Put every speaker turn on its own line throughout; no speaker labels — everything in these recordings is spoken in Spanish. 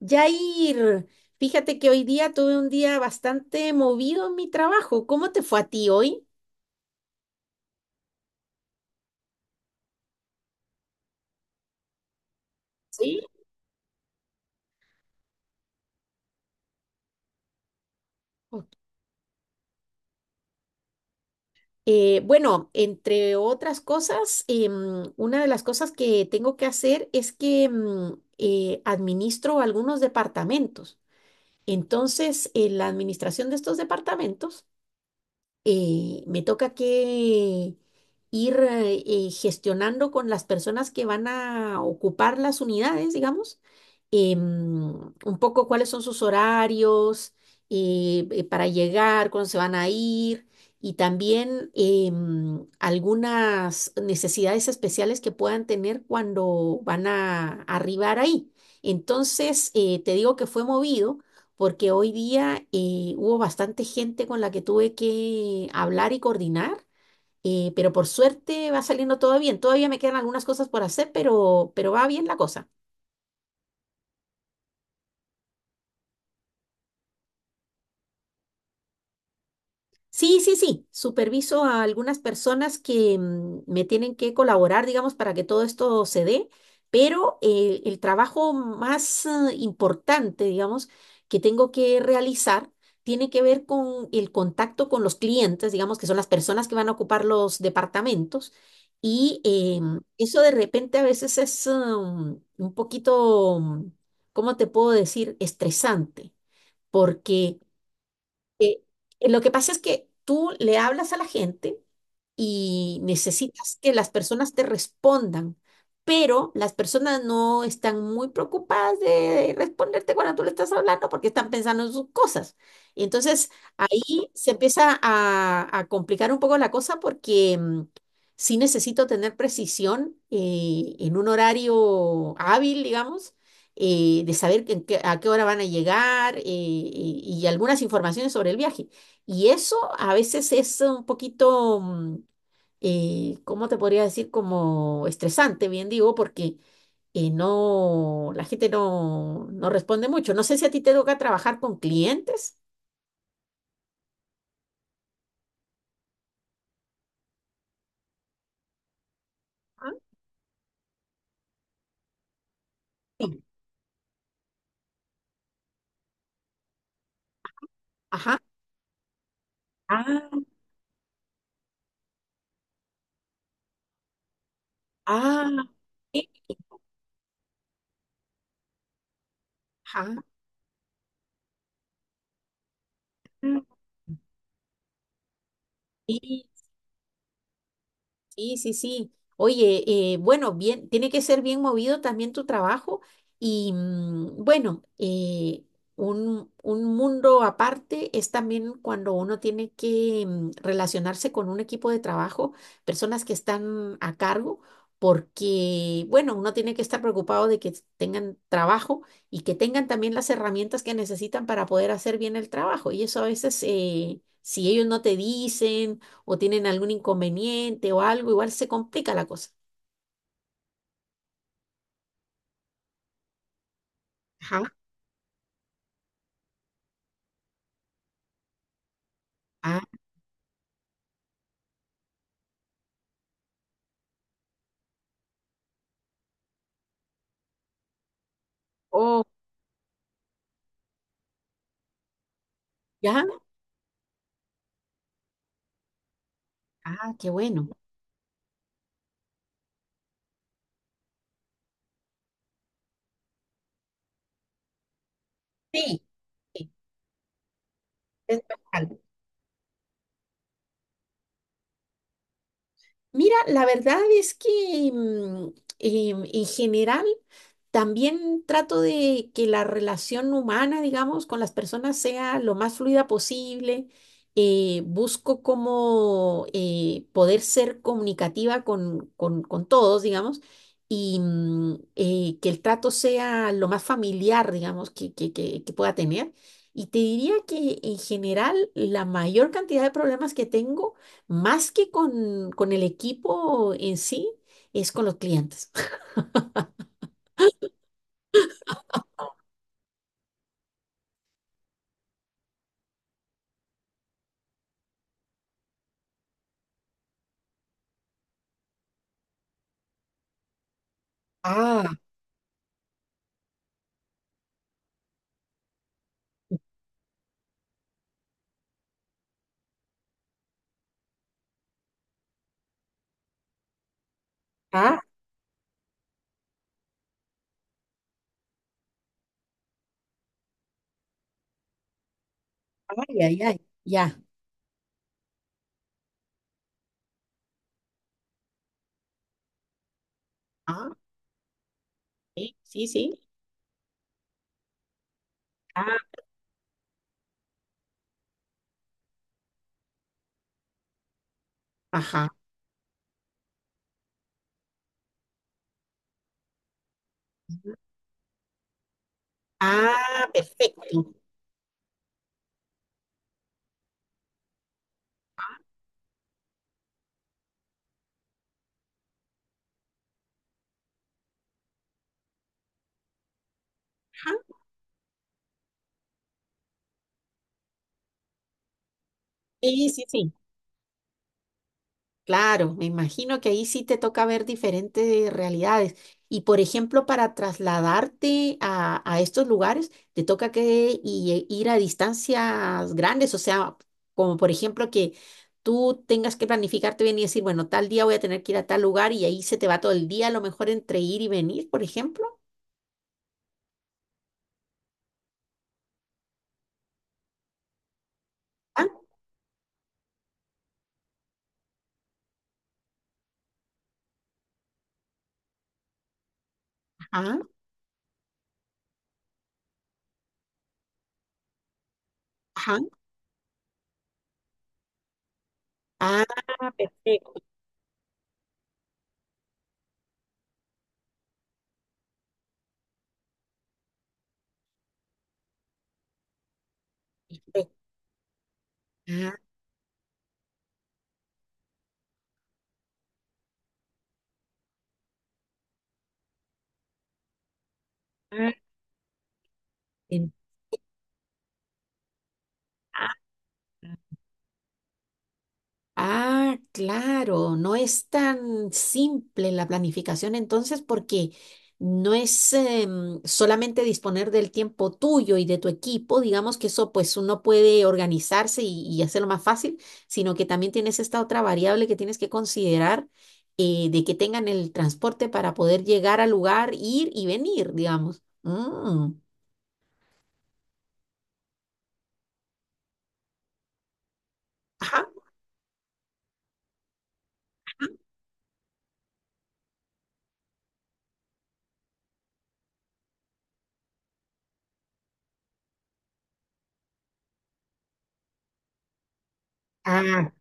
Yair, fíjate que hoy día tuve un día bastante movido en mi trabajo. ¿Cómo te fue a ti hoy? Sí. Ok. Bueno, entre otras cosas, una de las cosas que tengo que hacer es que administro algunos departamentos. Entonces, en la administración de estos departamentos, me toca que ir gestionando con las personas que van a ocupar las unidades, digamos, em, un poco cuáles son sus horarios para llegar, cuándo se van a ir. Y también algunas necesidades especiales que puedan tener cuando van a arribar ahí. Entonces, te digo que fue movido porque hoy día hubo bastante gente con la que tuve que hablar y coordinar, pero por suerte va saliendo todo bien. Todavía me quedan algunas cosas por hacer, pero va bien la cosa. Sí, sí, sí. Superviso a algunas personas que me tienen que colaborar, digamos, para que todo esto se dé, pero el trabajo más importante, digamos, que tengo que realizar tiene que ver con el contacto con los clientes, digamos, que son las personas que van a ocupar los departamentos. Y eso de repente a veces es un poquito, ¿cómo te puedo decir?, estresante, porque eh, lo que pasa es que tú le hablas a la gente, y necesitas que las personas te respondan, pero las personas no están muy preocupadas de responderte cuando tú le estás hablando porque están pensando en sus cosas. Y entonces ahí se empieza a complicar un poco la cosa porque sí necesito tener precisión en un horario hábil, digamos. De saber a qué hora van a llegar y algunas informaciones sobre el viaje. Y eso a veces es un poquito, ¿cómo te podría decir? Como estresante, bien digo, porque no, la gente no, no responde mucho. No sé si a ti te toca trabajar con clientes. Ah. Sí. Ajá. Ah. Ah, sí, ajá. mm, Sí. Sí, sí, sí. Oye, bueno, bien, tiene que ser bien movido también tu trabajo y un mundo aparte es también cuando uno tiene que relacionarse con un equipo de trabajo, personas que están a cargo, porque bueno, uno tiene que estar preocupado de que tengan trabajo y que tengan también las herramientas que necesitan para poder hacer bien el trabajo y eso a veces, si ellos no te dicen o tienen algún inconveniente o algo, igual se complica la cosa. Ajá. Ah. Oh. Ya. Ah, qué bueno. Sí, sí, es normal. Mira, la verdad es que en general también trato de que la relación humana, digamos, con las personas sea lo más fluida posible. Busco como poder ser comunicativa con todos, digamos, y que el trato sea lo más familiar, digamos, que pueda tener. Y te diría que en general la mayor cantidad de problemas que tengo, más que con el equipo en sí, es con los clientes. Ay, ay, ay, ya. Ah, sí, sí, sí. Ah, ajá. Ah, perfecto. Ajá. Sí, sí, sí. Claro, me imagino que ahí sí te toca ver diferentes realidades. Y por ejemplo, para trasladarte a estos lugares, te toca que y- ir a distancias grandes, o sea, como por ejemplo que tú tengas que planificarte bien y decir, bueno, tal día voy a tener que ir a tal lugar y ahí se te va todo el día, a lo mejor entre ir y venir, por ejemplo. Ah. Ajá, ajá. Ah, perfecto, perfecto. Ah. en- ah, claro, no es tan simple la planificación entonces porque no es solamente disponer del tiempo tuyo y de tu equipo, digamos que eso pues uno puede organizarse y hacerlo más fácil, sino que también tienes esta otra variable que tienes que considerar de que tengan el transporte para poder llegar al lugar, ir y venir, digamos. Mm. Ajá. Ah,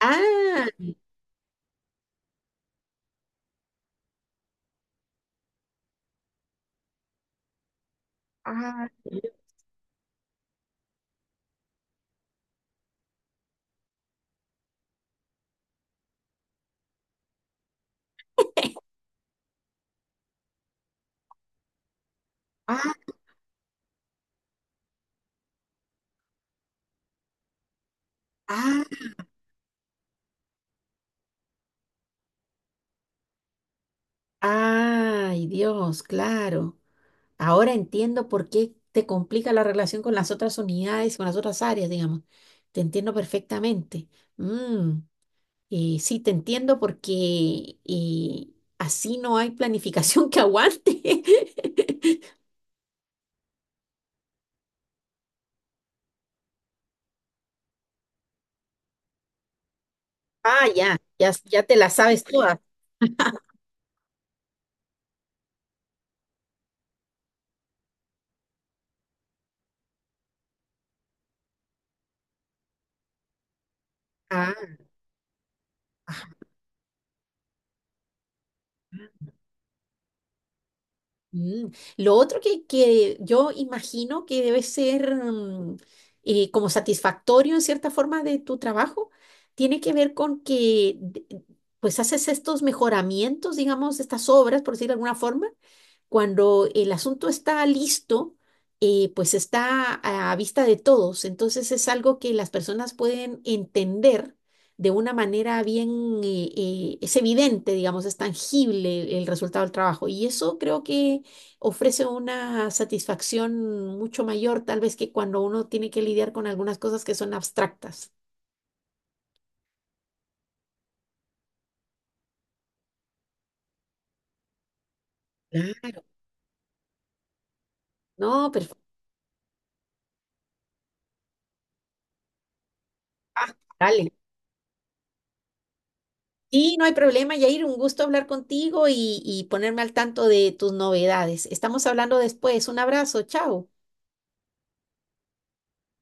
ah. Ah, ah, ah, ay, Dios, claro. Ahora entiendo por qué te complica la relación con las otras unidades, con las otras áreas, digamos. Te entiendo perfectamente. Mm, sí, te entiendo porque así no hay planificación que aguante. Ah, ya, ya, ya te la sabes todas. Mm. Lo otro que yo imagino que debe ser como satisfactorio en cierta forma de tu trabajo, tiene que ver con que pues haces estos mejoramientos, digamos, estas obras, por decirlo de alguna forma, cuando el asunto está listo, pues está a vista de todos. Entonces es algo que las personas pueden entender de una manera bien, es evidente, digamos, es tangible el resultado del trabajo. Y eso creo que ofrece una satisfacción mucho mayor, tal vez que cuando uno tiene que lidiar con algunas cosas que son abstractas. Claro. No, perfecto. Ah, dale. Sí, no hay problema, Yair. Un gusto hablar contigo y ponerme al tanto de tus novedades. Estamos hablando después. Un abrazo, chao.